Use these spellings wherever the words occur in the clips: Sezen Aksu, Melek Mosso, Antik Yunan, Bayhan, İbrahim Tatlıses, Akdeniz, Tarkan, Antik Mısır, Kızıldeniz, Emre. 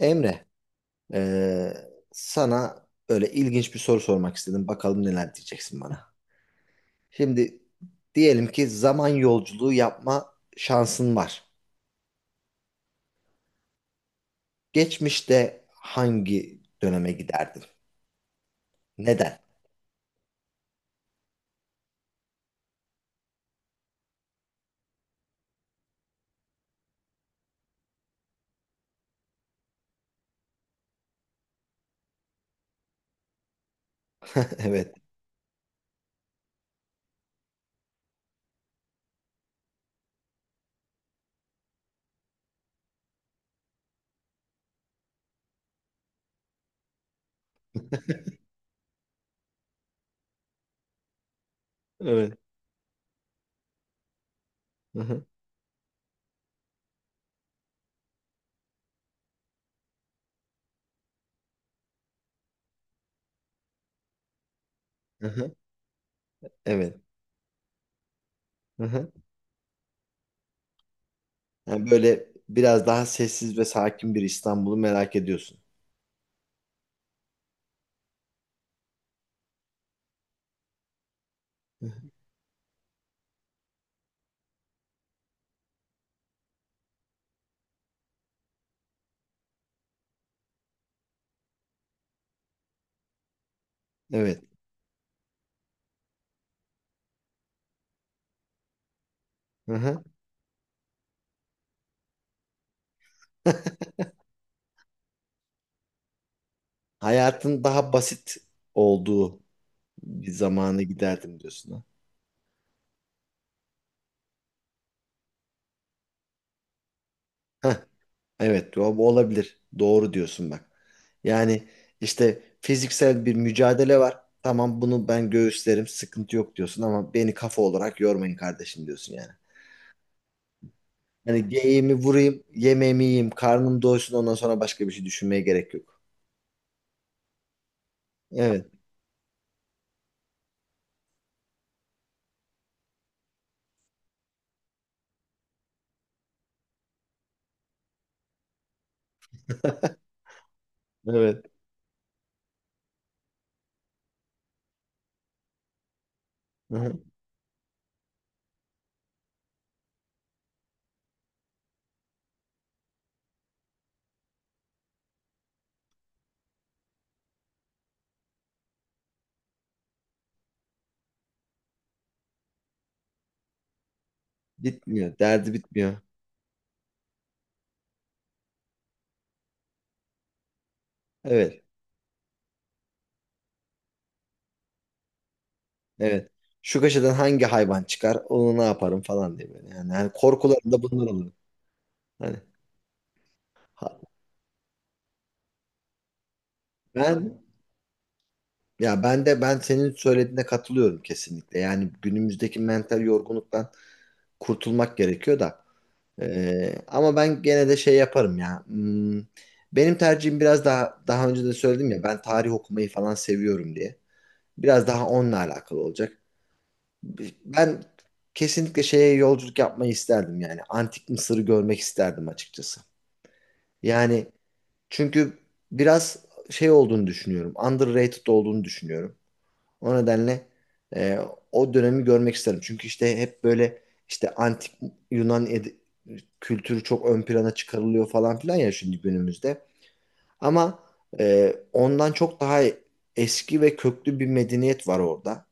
Emre, sana böyle ilginç bir soru sormak istedim. Bakalım neler diyeceksin bana. Şimdi diyelim ki zaman yolculuğu yapma şansın var. Geçmişte hangi döneme giderdin? Neden? Evet. Evet. Hı hı. Hı hı. Evet. Hı hı. Yani böyle biraz daha sessiz ve sakin bir İstanbul'u merak ediyorsun. Hı hı. Evet. Hı hı. Hayatın daha basit olduğu bir zamana giderdim diyorsun. Ha. Evet, bu olabilir. Doğru diyorsun bak. Yani işte fiziksel bir mücadele var. Tamam, bunu ben göğüslerim, sıkıntı yok diyorsun, ama beni kafa olarak yormayın kardeşim diyorsun yani. Hani geyiğimi vurayım, yemeğimi yiyeyim, karnım doysun, ondan sonra başka bir şey düşünmeye gerek yok. Evet, evet. Hı-hı. Bitmiyor, derdi bitmiyor. Evet, evet. Şu köşeden hangi hayvan çıkar, onu ne yaparım falan diye böyle. Yani, korkularım da bunlar oluyor. Hani. Ha- ben Ya, ben de ben senin söylediğine katılıyorum kesinlikle. Yani günümüzdeki mental yorgunluktan kurtulmak gerekiyor da. Ama ben gene de şey yaparım ya. Benim tercihim, biraz daha daha önce de söyledim ya, ben tarih okumayı falan seviyorum diye. Biraz daha onunla alakalı olacak. Ben kesinlikle şeye yolculuk yapmayı isterdim yani. Antik Mısır'ı görmek isterdim açıkçası. Yani, çünkü biraz şey olduğunu düşünüyorum. Underrated olduğunu düşünüyorum. O nedenle e, o dönemi görmek isterim. Çünkü işte hep böyle işte antik Yunan kültürü çok ön plana çıkarılıyor falan filan ya şimdi günümüzde. Ama ondan çok daha eski ve köklü bir medeniyet var orada.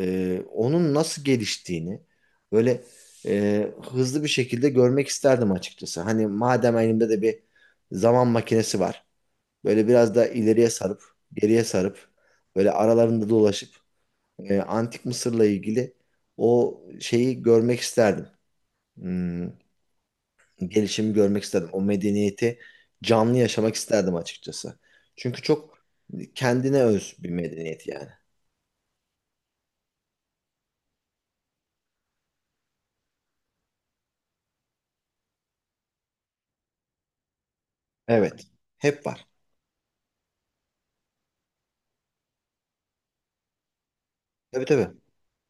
Onun nasıl geliştiğini böyle hızlı bir şekilde görmek isterdim açıkçası. Hani madem elimde de bir zaman makinesi var. Böyle biraz da ileriye sarıp, geriye sarıp, böyle aralarında dolaşıp Antik Mısır'la ilgili o şeyi görmek isterdim. Hmm, gelişimi görmek isterdim. O medeniyeti canlı yaşamak isterdim açıkçası. Çünkü çok kendine öz bir medeniyet yani. Evet. Hep var. Tabii, tabii.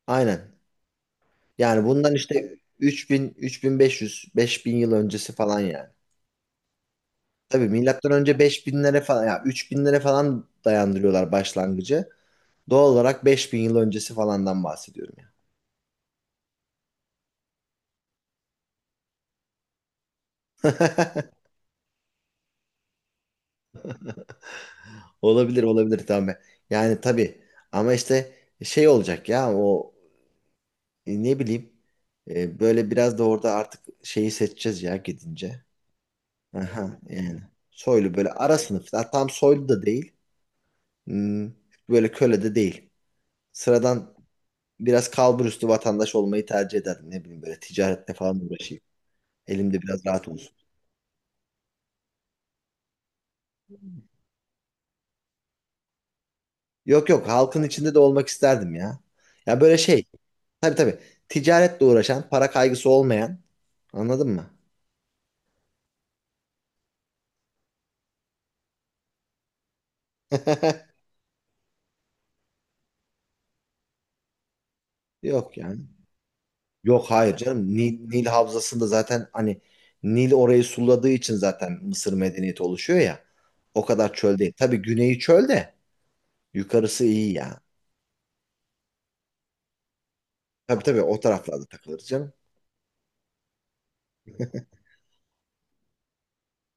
Aynen. Yani bundan işte 3000, 3500, 5000 yıl öncesi falan yani. Tabii milattan önce 5000'lere falan ya 3000'lere falan dayandırıyorlar başlangıcı. Doğal olarak 5000 yıl öncesi falandan bahsediyorum. Olabilir, olabilir, tamam. Yani tabii, ama işte şey olacak ya o ne bileyim böyle biraz da orada artık şeyi seçeceğiz ya gidince. Aha, yani soylu, böyle ara sınıf. Ha, tam soylu da değil. Hmm, böyle köle de değil. Sıradan, biraz kalburüstü vatandaş olmayı tercih ederdim, ne bileyim, böyle ticarette falan uğraşayım. Elimde biraz rahat olsun. Yok, yok, halkın içinde de olmak isterdim ya. Ya böyle şey, tabii, tabii, ticaretle uğraşan, para kaygısı olmayan, anladın mı? Yok yani. Yok, hayır canım. Nil, Havzası'nda zaten hani Nil orayı suladığı için zaten Mısır medeniyeti oluşuyor ya. O kadar çöl değil. Tabii güneyi çöl de yukarısı iyi ya. Tabii, tabii, o taraflarda takılırız canım.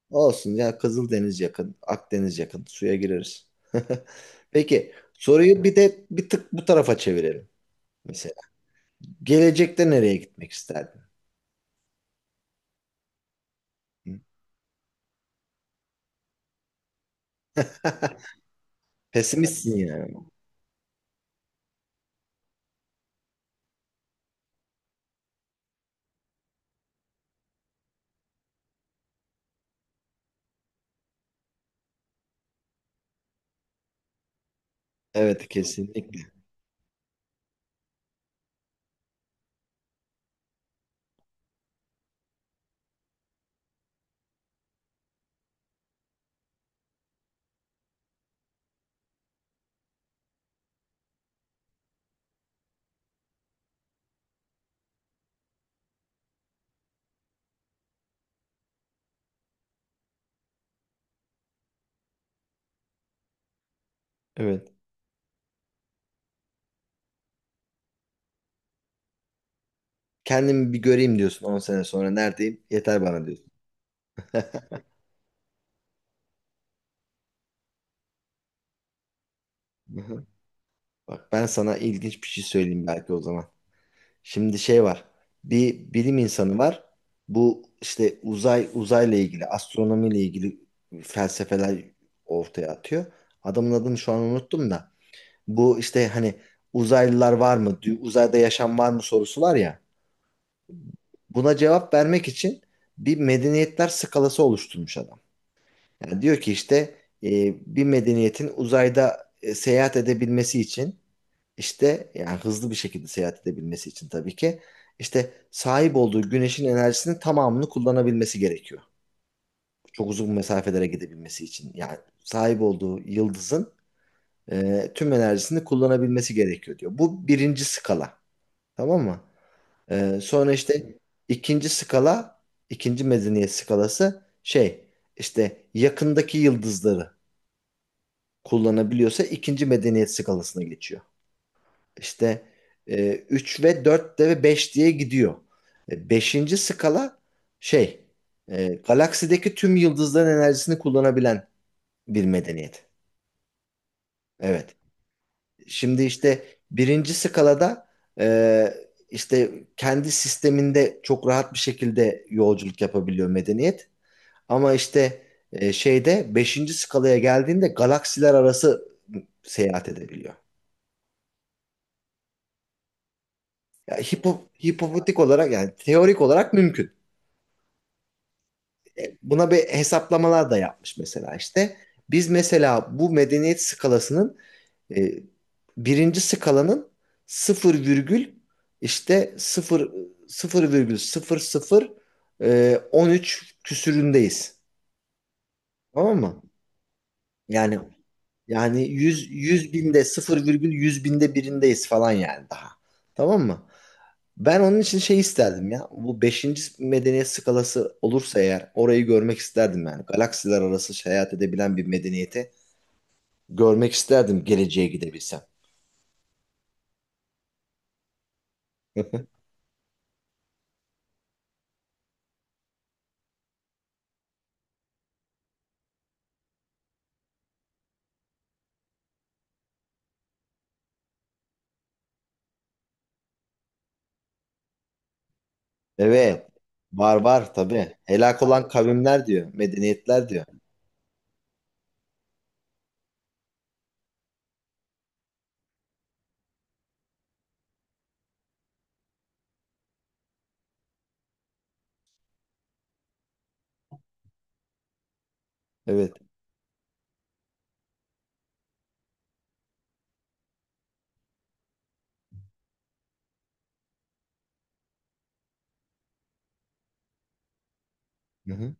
Olsun ya, Kızıldeniz yakın, Akdeniz yakın. Suya gireriz. Peki, soruyu bir de bir tık bu tarafa çevirelim. Mesela gelecekte nereye gitmek isterdin? Hı? Pesimistsin yani. Evet, kesinlikle. Evet. Kendimi bir göreyim diyorsun. 10 sene sonra neredeyim? Yeter bana diyorsun. Hı hı. Bak, ben sana ilginç bir şey söyleyeyim belki o zaman. Şimdi şey var. Bir bilim insanı var. Bu işte uzayla ilgili, astronomiyle ilgili felsefeler ortaya atıyor. Adamın adını şu an unuttum da. Bu işte hani uzaylılar var mı, uzayda yaşam var mı sorusu var ya. Buna cevap vermek için bir medeniyetler skalası oluşturmuş adam. Yani diyor ki işte bir medeniyetin uzayda seyahat edebilmesi için, işte yani hızlı bir şekilde seyahat edebilmesi için tabii ki işte sahip olduğu güneşin enerjisinin tamamını kullanabilmesi gerekiyor. Çok uzun mesafelere gidebilmesi için. Yani sahip olduğu yıldızın tüm enerjisini kullanabilmesi gerekiyor diyor. Bu birinci skala. Tamam mı? Sonra işte ikinci skala, ikinci medeniyet skalası şey, işte yakındaki yıldızları kullanabiliyorsa ikinci medeniyet skalasına geçiyor. İşte 3 ve 4 de ve 5 diye gidiyor. Beşinci skala şey, galaksideki tüm yıldızların enerjisini kullanabilen bir medeniyet. Evet. Şimdi işte birinci skalada e, işte kendi sisteminde çok rahat bir şekilde yolculuk yapabiliyor medeniyet. Ama işte şeyde beşinci skalaya geldiğinde galaksiler arası seyahat edebiliyor. Ya hipotetik olarak, yani teorik olarak mümkün. Buna bir hesaplamalar da yapmış mesela işte. Biz mesela bu medeniyet skalasının, e, birinci skalanın, 0 virgül işte 0 0 virgül 00 13 küsüründeyiz. Tamam mı? Yani yani, 100 100 binde 0 virgül 100 binde birindeyiz falan yani daha. Tamam mı? Ben onun için şey isterdim ya. Bu beşinci medeniyet skalası olursa eğer orayı görmek isterdim yani. Galaksiler arası seyahat edebilen bir medeniyeti görmek isterdim geleceğe gidebilsem. Evet. Var, var tabii. Helak olan kavimler diyor. Medeniyetler diyor. Evet. Hı hı.